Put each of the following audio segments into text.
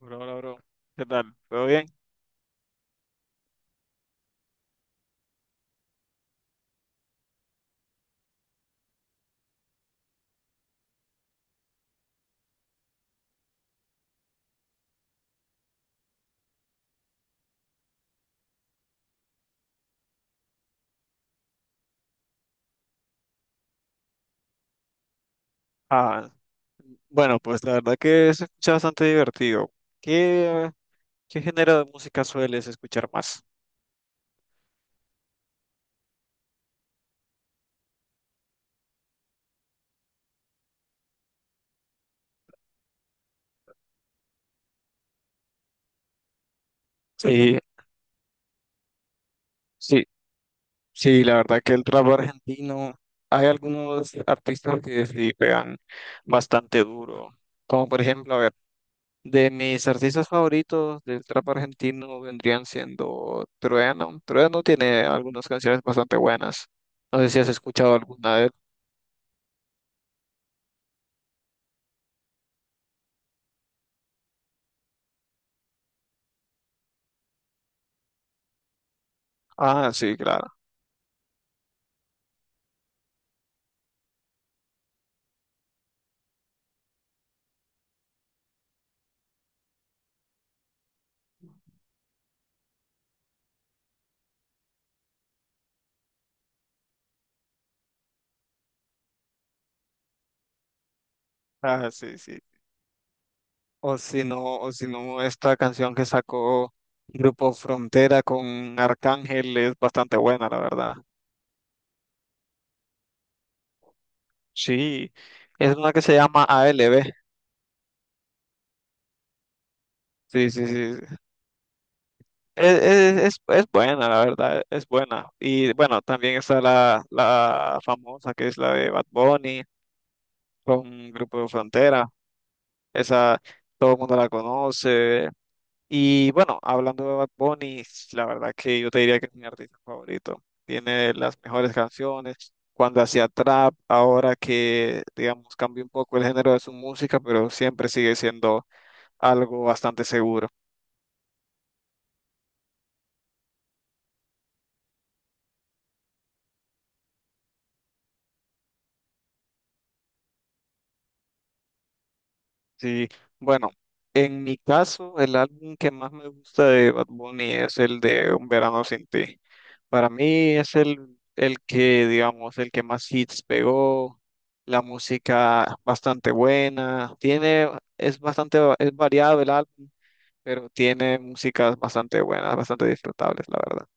Bro, bro, bro. ¿Qué tal? ¿Todo bien? Ah, bueno, pues la verdad que se escucha bastante divertido. ¿Qué, qué género de música sueles escuchar más? Sí, sí, sí, la verdad que el trap argentino, hay algunos artistas que sí pegan bastante duro. Como por ejemplo, a ver, de mis artistas favoritos del trap argentino vendrían siendo Trueno. Trueno tiene algunas canciones bastante buenas. No sé si has escuchado alguna de él. Ah, sí, claro. Ah, sí, sí. O si no, esta canción que sacó Grupo Frontera con Arcángel es bastante buena, la verdad. Sí, es una que se llama ALB. Sí, sí, sí. Es buena, la verdad, es buena. Y bueno, también está la famosa que es la de Bad Bunny con Grupo Frontera. Esa todo el mundo la conoce. Y bueno, hablando de Bad Bunny, la verdad que yo te diría que es mi artista favorito. Tiene las mejores canciones. Cuando hacía trap, ahora que, digamos, cambió un poco el género de su música, pero siempre sigue siendo algo bastante seguro. Sí, bueno, en mi caso, el álbum que más me gusta de Bad Bunny es el de Un Verano Sin Ti. Para mí es el que, digamos, el que más hits pegó, la música bastante buena, tiene, es bastante, es variado el álbum, pero tiene músicas bastante buenas, bastante disfrutables, la verdad.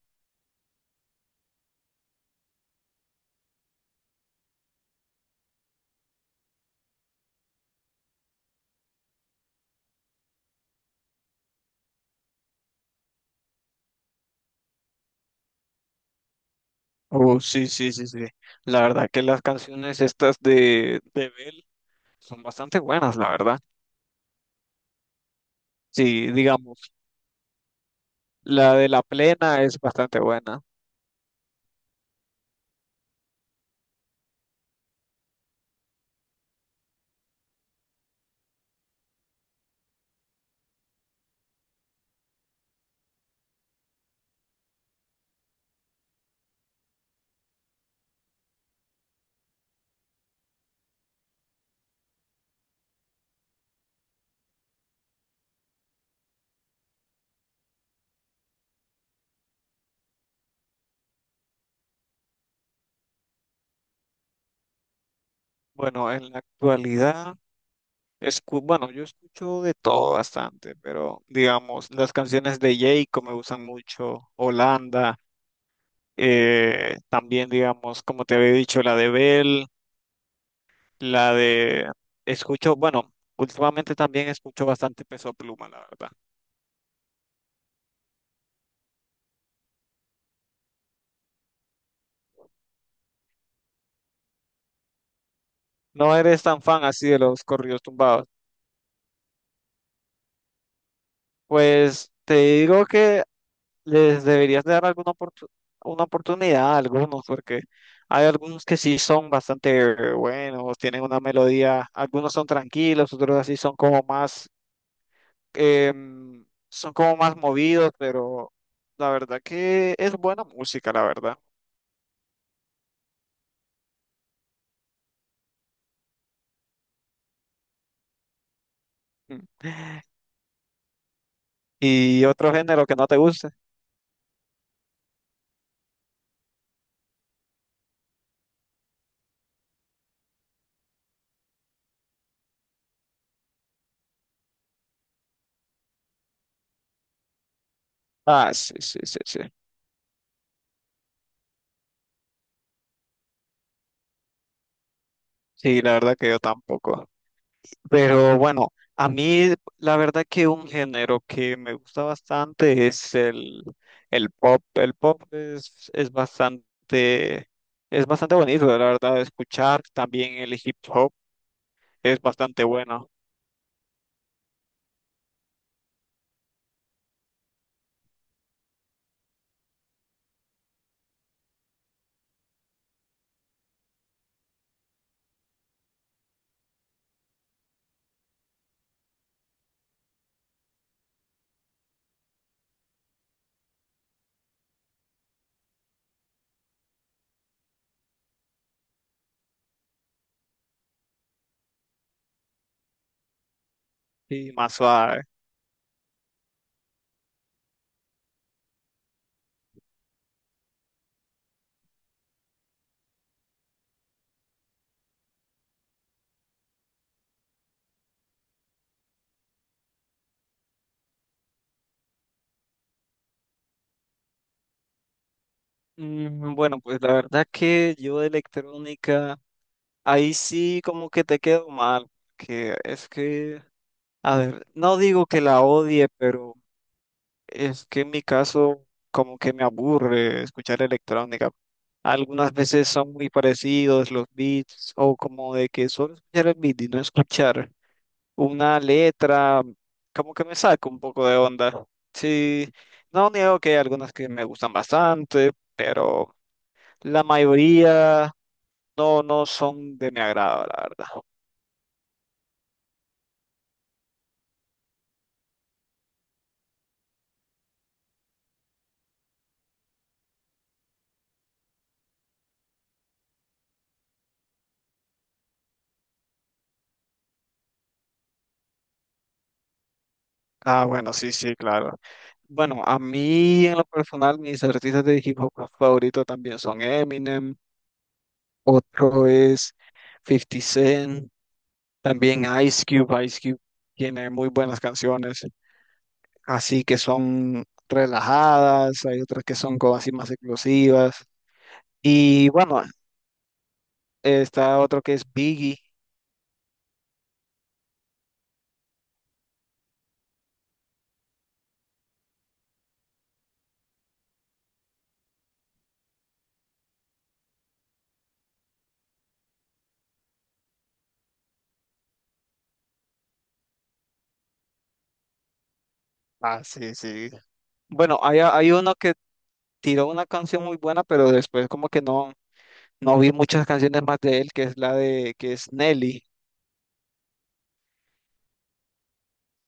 Oh, sí, sí, sí, sí. La verdad que las canciones estas de Bell son bastante buenas, la verdad. Sí, digamos. La de La Plena es bastante buena. Bueno, en la actualidad, bueno, yo escucho de todo bastante, pero digamos, las canciones de Jayco me gustan mucho, Holanda, también digamos, como te había dicho, la de Bell, la de... Escucho, bueno, últimamente también escucho bastante Peso Pluma, la verdad. No eres tan fan así de los corridos tumbados. Pues te digo que les deberías de dar una oportunidad a algunos, porque hay algunos que sí son bastante buenos, tienen una melodía, algunos son tranquilos, otros así son como más, son como más movidos, pero la verdad que es buena música, la verdad. Mm. Y otro género que no te guste. Ah, sí, sí, sí, sí. Sí, la verdad que yo tampoco. Pero bueno, a mí la verdad que un género que me gusta bastante es el pop. El pop es bastante bonito, la verdad, de escuchar. También el hip hop es bastante bueno y más suave. Mm, bueno, pues la verdad que yo de electrónica, ahí sí como que te quedo mal, que es que, a ver, no digo que la odie, pero es que en mi caso, como que me aburre escuchar electrónica. Algunas veces son muy parecidos los beats, o como de que solo escuchar el beat y no escuchar una letra, como que me saca un poco de onda. Sí, no niego que hay algunas que me gustan bastante, pero la mayoría no, no son de mi agrado, la verdad. Ah, bueno, sí, sí, claro. Bueno, a mí en lo personal, mis artistas de hip hop favoritos también son Eminem. Otro es Fifty Cent, también Ice Cube. Ice Cube tiene muy buenas canciones, así que son relajadas, hay otras que son como así más explosivas. Y bueno, está otro que es Biggie. Ah, sí, sí. Bueno, hay uno que tiró una canción muy buena, pero después como que no, no vi muchas canciones más de él, que es la de, que es Nelly.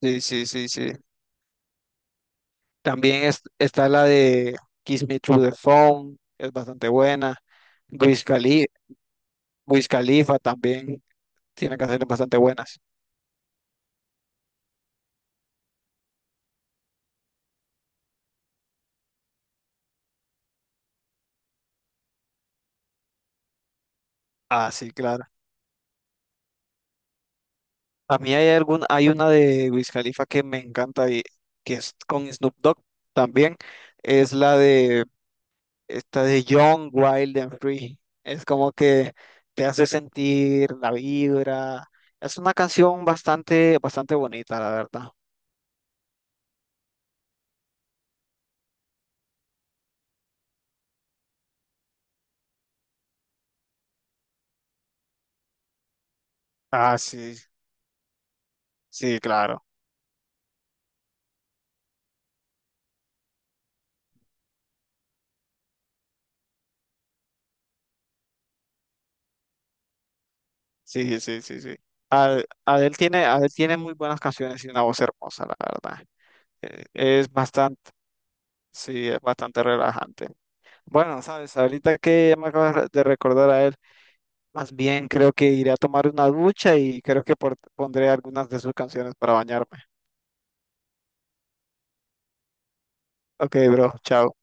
Sí, sí, sí, sí. También está la de Kiss Me Through the Phone, es bastante buena. Wiz Khali- Wiz Khalifa también tiene canciones bastante buenas. Ah, sí, claro. A mí hay algún, hay una de Wiz Khalifa que me encanta y que es con Snoop Dogg también. Es la de esta de Young, Wild and Free. Es como que te hace sentir la vibra. Es una canción bastante, bastante bonita, la verdad. Ah, sí, sí, claro. Sí, sí, sí, sí. Adele tiene muy buenas canciones y una voz hermosa, la verdad. Es bastante, sí, es bastante relajante. Bueno, sabes, ahorita que me acabas de recordar a él, más bien creo que iré a tomar una ducha y creo que pondré algunas de sus canciones para bañarme. Ok, bro, chao.